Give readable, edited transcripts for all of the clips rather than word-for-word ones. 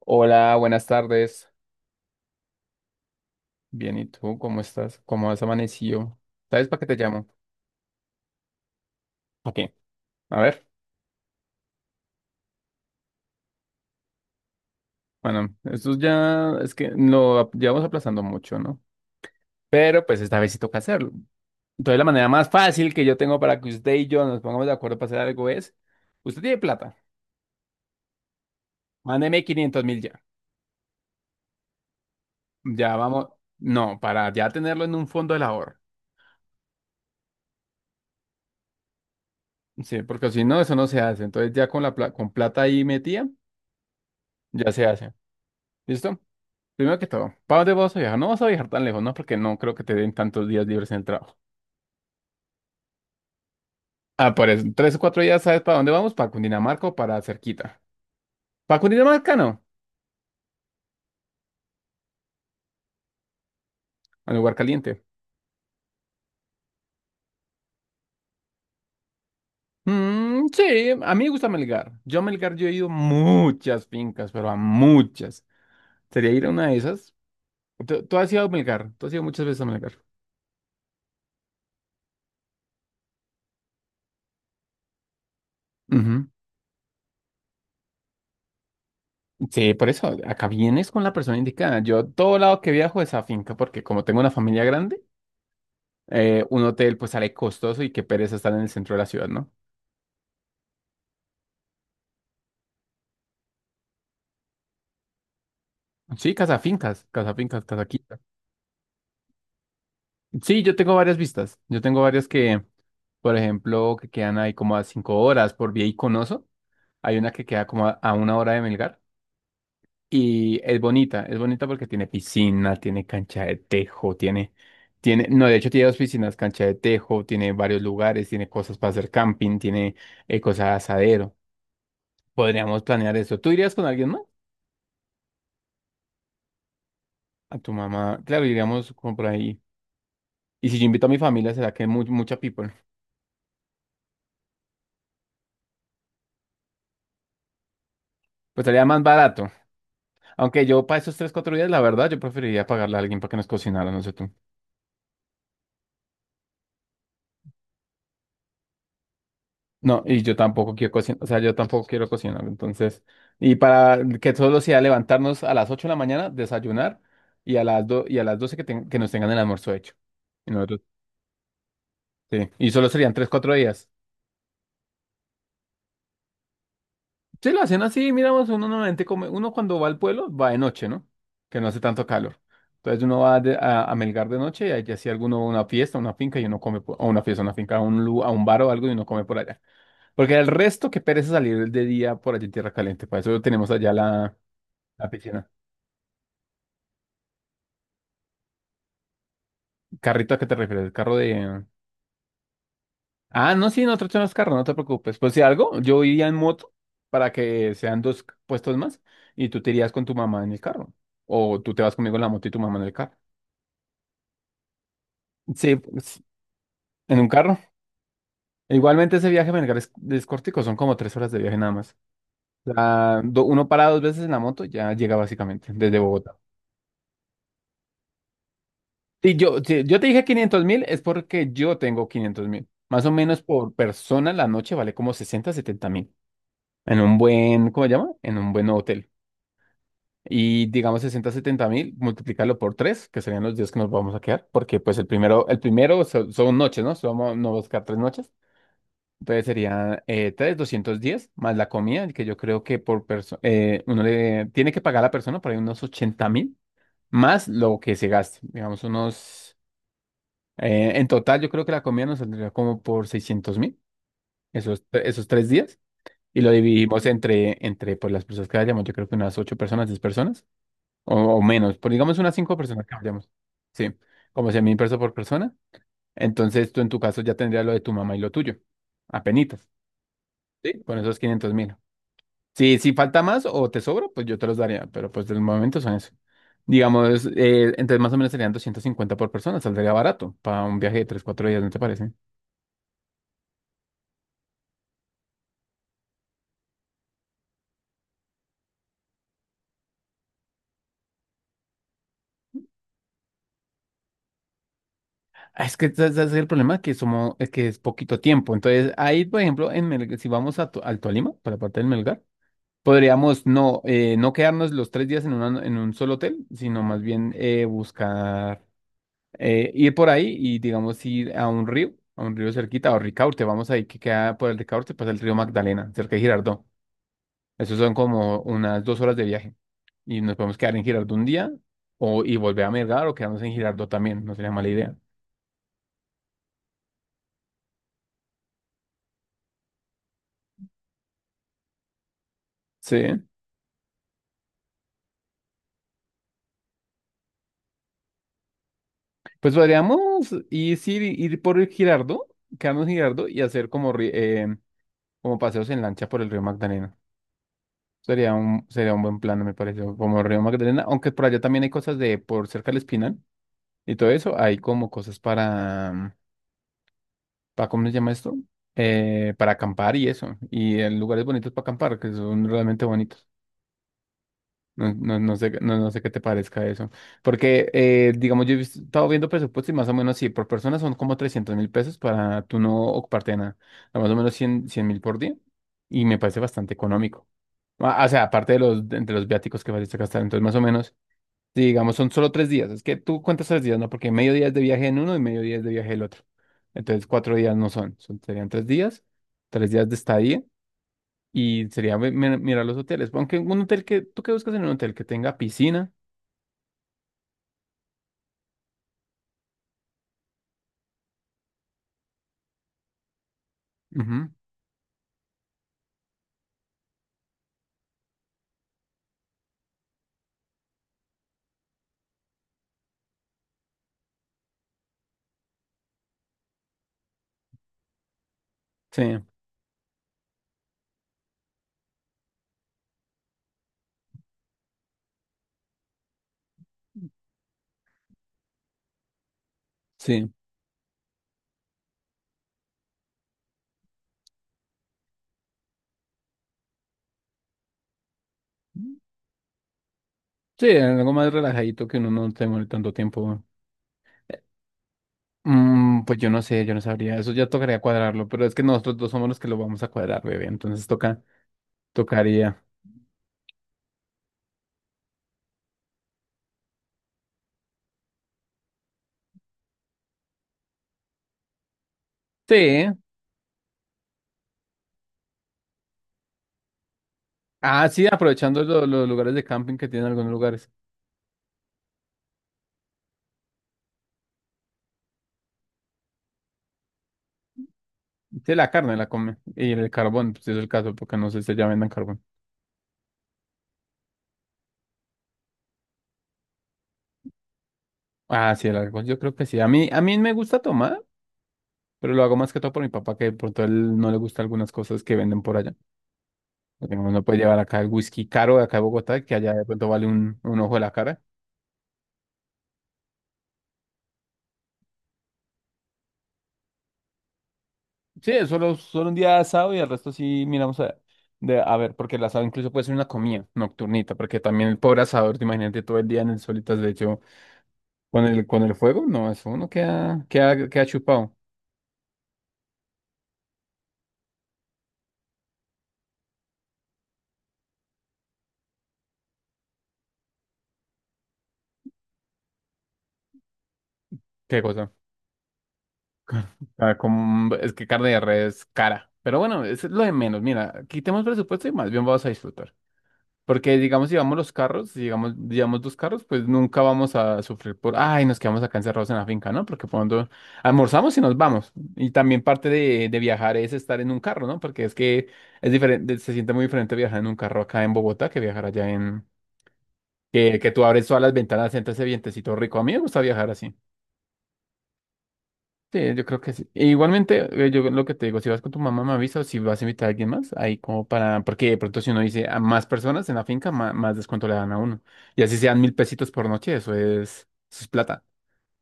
Hola, buenas tardes. Bien, ¿y tú cómo estás? ¿Cómo has amanecido? ¿Sabes para qué te llamo? ¿Para qué? A ver, bueno, esto ya es que lo llevamos aplazando mucho, ¿no? Pero pues esta vez sí toca hacerlo. Entonces la manera más fácil que yo tengo para que usted y yo nos pongamos de acuerdo para hacer algo es, usted tiene plata, mándeme 500.000 ya. Ya vamos, no, para ya tenerlo en un fondo del ahorro. Sí, porque si no, eso no se hace. Entonces ya con plata ahí metida, ya se hace. ¿Listo? Primero que todo, ¿para dónde vas a viajar? No vas a viajar tan lejos, ¿no? Porque no creo que te den tantos días libres en el trabajo. Ah, por eso, 3 o 4 días, ¿sabes para dónde vamos? Para Cundinamarca o para cerquita. ¿Para Cundinamarca no? A un lugar caliente. Mm, sí, a mí me gusta Melgar. Yo a Melgar yo he ido muchas fincas, pero a muchas. ¿Sería ir a una de esas? ¿Tú has ido a Melgar? ¿Tú has ido muchas veces a Melgar? Ujú. Sí, por eso, acá vienes con la persona indicada. Yo todo lado que viajo es a finca, porque como tengo una familia grande, un hotel pues sale costoso y qué pereza estar en el centro de la ciudad, ¿no? Sí, casafincas, casafincas, casaquita. Sí, yo tengo varias vistas. Yo tengo varias que, por ejemplo, que quedan ahí como a 5 horas por Vía Iconoso. Hay una que queda como a una hora de Melgar y es bonita porque tiene piscina, tiene cancha de tejo, tiene, tiene, no, de hecho tiene dos piscinas, cancha de tejo, tiene varios lugares, tiene cosas para hacer camping, tiene cosas de asadero. Podríamos planear eso. ¿Tú irías con alguien más? A tu mamá. Claro, iríamos como por ahí. Y si yo invito a mi familia, será que mucha people. Pues estaría más barato. Aunque yo para esos tres, cuatro días, la verdad, yo preferiría pagarle a alguien para que nos cocinara, no sé tú. No, y yo tampoco quiero cocinar, o sea, yo tampoco quiero cocinar, entonces. Y para que solo sea levantarnos a las 8 de la mañana, desayunar, y a las 12 que, que nos tengan el almuerzo hecho. Y nosotros, sí. Y solo serían tres, cuatro días. Sí, la cena sí, miramos, uno normalmente come, uno cuando va al pueblo va de noche, ¿no? Que no hace tanto calor. Entonces uno va a Melgar de noche y allá si alguno va a una fiesta, una finca y uno come, o una fiesta, una finca, a un bar o algo y uno come por allá. Porque el resto que pereza salir de día por allá en Tierra Caliente, para eso tenemos allá la, la piscina. ¿Carrito a qué te refieres? ¿El carro de...? Ah, no, sí, nosotros tenemos carro, no te preocupes. Pues si algo, yo iría en moto para que sean dos puestos más y tú te irías con tu mamá en el carro. O tú te vas conmigo en la moto y tu mamá en el carro. Sí, pues, en un carro. E Igualmente ese viaje me es cortico, son como 3 horas de viaje nada más. O sea, uno para dos veces en la moto, ya llega básicamente desde Bogotá. Sí, si yo te dije 500.000, es porque yo tengo 500.000. Más o menos por persona la noche vale como 60 70 mil. En un buen, ¿cómo se llama? En un buen hotel. Y digamos 60 70 mil, multiplicarlo por tres, que serían los días que nos vamos a quedar, porque pues el primero son noches, ¿no? Somos, no vamos a quedar 3 noches. Entonces serían doscientos 210 más la comida, que yo creo que por persona, uno le tiene que pagar a la persona por ahí unos 80.000, más lo que se gaste. Digamos, unos. En total, yo creo que la comida nos saldría como por 600.000, esos tres días, y lo dividimos entre, entre pues, las personas que vayamos. Yo creo que unas 8 personas, 10 personas, o menos, por digamos unas 5 personas que vayamos. Sí, como 100.000 pesos por persona. Entonces tú en tu caso ya tendrías lo de tu mamá y lo tuyo, apenitas. Sí, con esos 500.000. si, falta más o te sobra, pues yo te los daría, pero pues del momento son eso. Digamos, entonces más o menos serían 250 por persona, saldría barato para un viaje de 3 4 días, ¿no te parece? Ah, es que ese es el problema, que somos, es que es poquito tiempo. Entonces, ahí, por ejemplo, si vamos al Tolima, para la parte del Melgar, podríamos no quedarnos los tres días en un solo hotel, sino más bien buscar. Ir por ahí y, digamos, ir a un río cerquita, o Ricaurte, vamos ahí que queda por el Ricaurte, pasa el río Magdalena, cerca de Girardot. Eso son como unas 2 horas de viaje. Y nos podemos quedar en Girardot un día, o y volver a Melgar, o quedarnos en Girardot también, no sería mala idea. Sí. Pues podríamos ir, sí, ir por el Girardot, quedarnos en Girardot y hacer como paseos en lancha por el río Magdalena. Sería un buen plan, me parece, como el río Magdalena, aunque por allá también hay cosas de por cerca del Espinal y todo eso, hay como cosas para ¿cómo se llama esto? Para acampar y eso, y en lugares bonitos para acampar, que son realmente bonitos. No, no, no sé, no, no sé qué te parezca eso. Porque, digamos, yo he estado viendo presupuestos y más o menos, sí, por persona son como 300.000 pesos para tú no ocuparte de nada. Más o menos 100.000 por día. Y me parece bastante económico. Ah, o sea, aparte de los, entre los viáticos que vas a gastar. Entonces, más o menos, sí, digamos, son solo tres días. Es que tú cuentas tres días, ¿no? Porque medio día es de viaje en uno y medio día es de viaje el otro. Entonces, cuatro días no son. Serían tres días de estadía y sería mirar los hoteles. Aunque un hotel que, ¿tú qué buscas en un hotel? Que tenga piscina. Ujú. Sí, sí. Sí, algo más relajadito que uno no tenga tanto tiempo. Eh, pues yo no sé, yo no sabría. Eso ya tocaría cuadrarlo, pero es que nosotros dos somos los que lo vamos a cuadrar, bebé. Entonces toca, tocaría. Sí, ah, sí, aprovechando los lugares de camping que tienen algunos lugares. Sí, la carne la come. Y el carbón, pues es el caso, porque no sé si ya vendan carbón. Ah, sí, el alcohol, yo creo que sí. A mí me gusta tomar, pero lo hago más que todo por mi papá, que por todo él no le gusta algunas cosas que venden por allá. Porque uno puede llevar acá el whisky caro de acá de Bogotá, que allá de pronto vale un ojo de la cara. Sí, solo, solo un día de asado y el resto sí miramos a, de, a ver, porque el asado incluso puede ser una comida nocturnita, porque también el pobre asador, te imagínate todo el día en el solitas de hecho. Con el fuego, no, eso uno queda, queda, queda chupado. Qué cosa. Ah, es que carne de res es cara. Pero bueno, es lo de menos. Mira, quitemos presupuesto y más bien vamos a disfrutar. Porque digamos, si vamos los carros, si digamos, llevamos dos carros, pues nunca vamos a sufrir por, ay, nos quedamos acá encerrados en la finca, ¿no? Porque cuando almorzamos y nos vamos. Y también parte de viajar es estar en un carro, ¿no? Porque es que es diferente, se siente muy diferente viajar en un carro acá en Bogotá que viajar allá en, que tú abres todas las ventanas, sientes ese vientecito rico. A mí me gusta viajar así. Sí, yo creo que sí. E igualmente, yo lo que te digo, si vas con tu mamá, me avisa o si vas a invitar a alguien más, ahí como para, porque de pronto si uno dice a más personas en la finca, más, descuento le dan a uno. Y así sean 1.000 pesitos por noche, eso es plata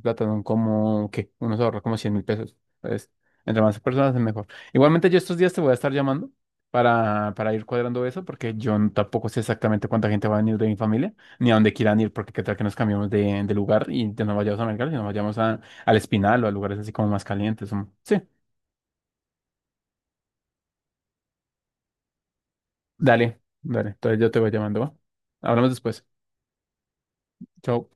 plátano como, ¿qué? Uno se ahorra como 100.000 pesos. Entonces, entre más personas es mejor. Igualmente yo estos días te voy a estar llamando para ir cuadrando eso, porque yo tampoco sé exactamente cuánta gente va a venir de mi familia, ni a dónde quieran ir, porque qué tal que nos cambiamos de lugar y ya no vayamos a Melgar, sino vayamos al Espinal o a lugares así como más calientes. Sí, dale, dale. Entonces yo te voy llamando, ¿va? Hablamos después. Chao.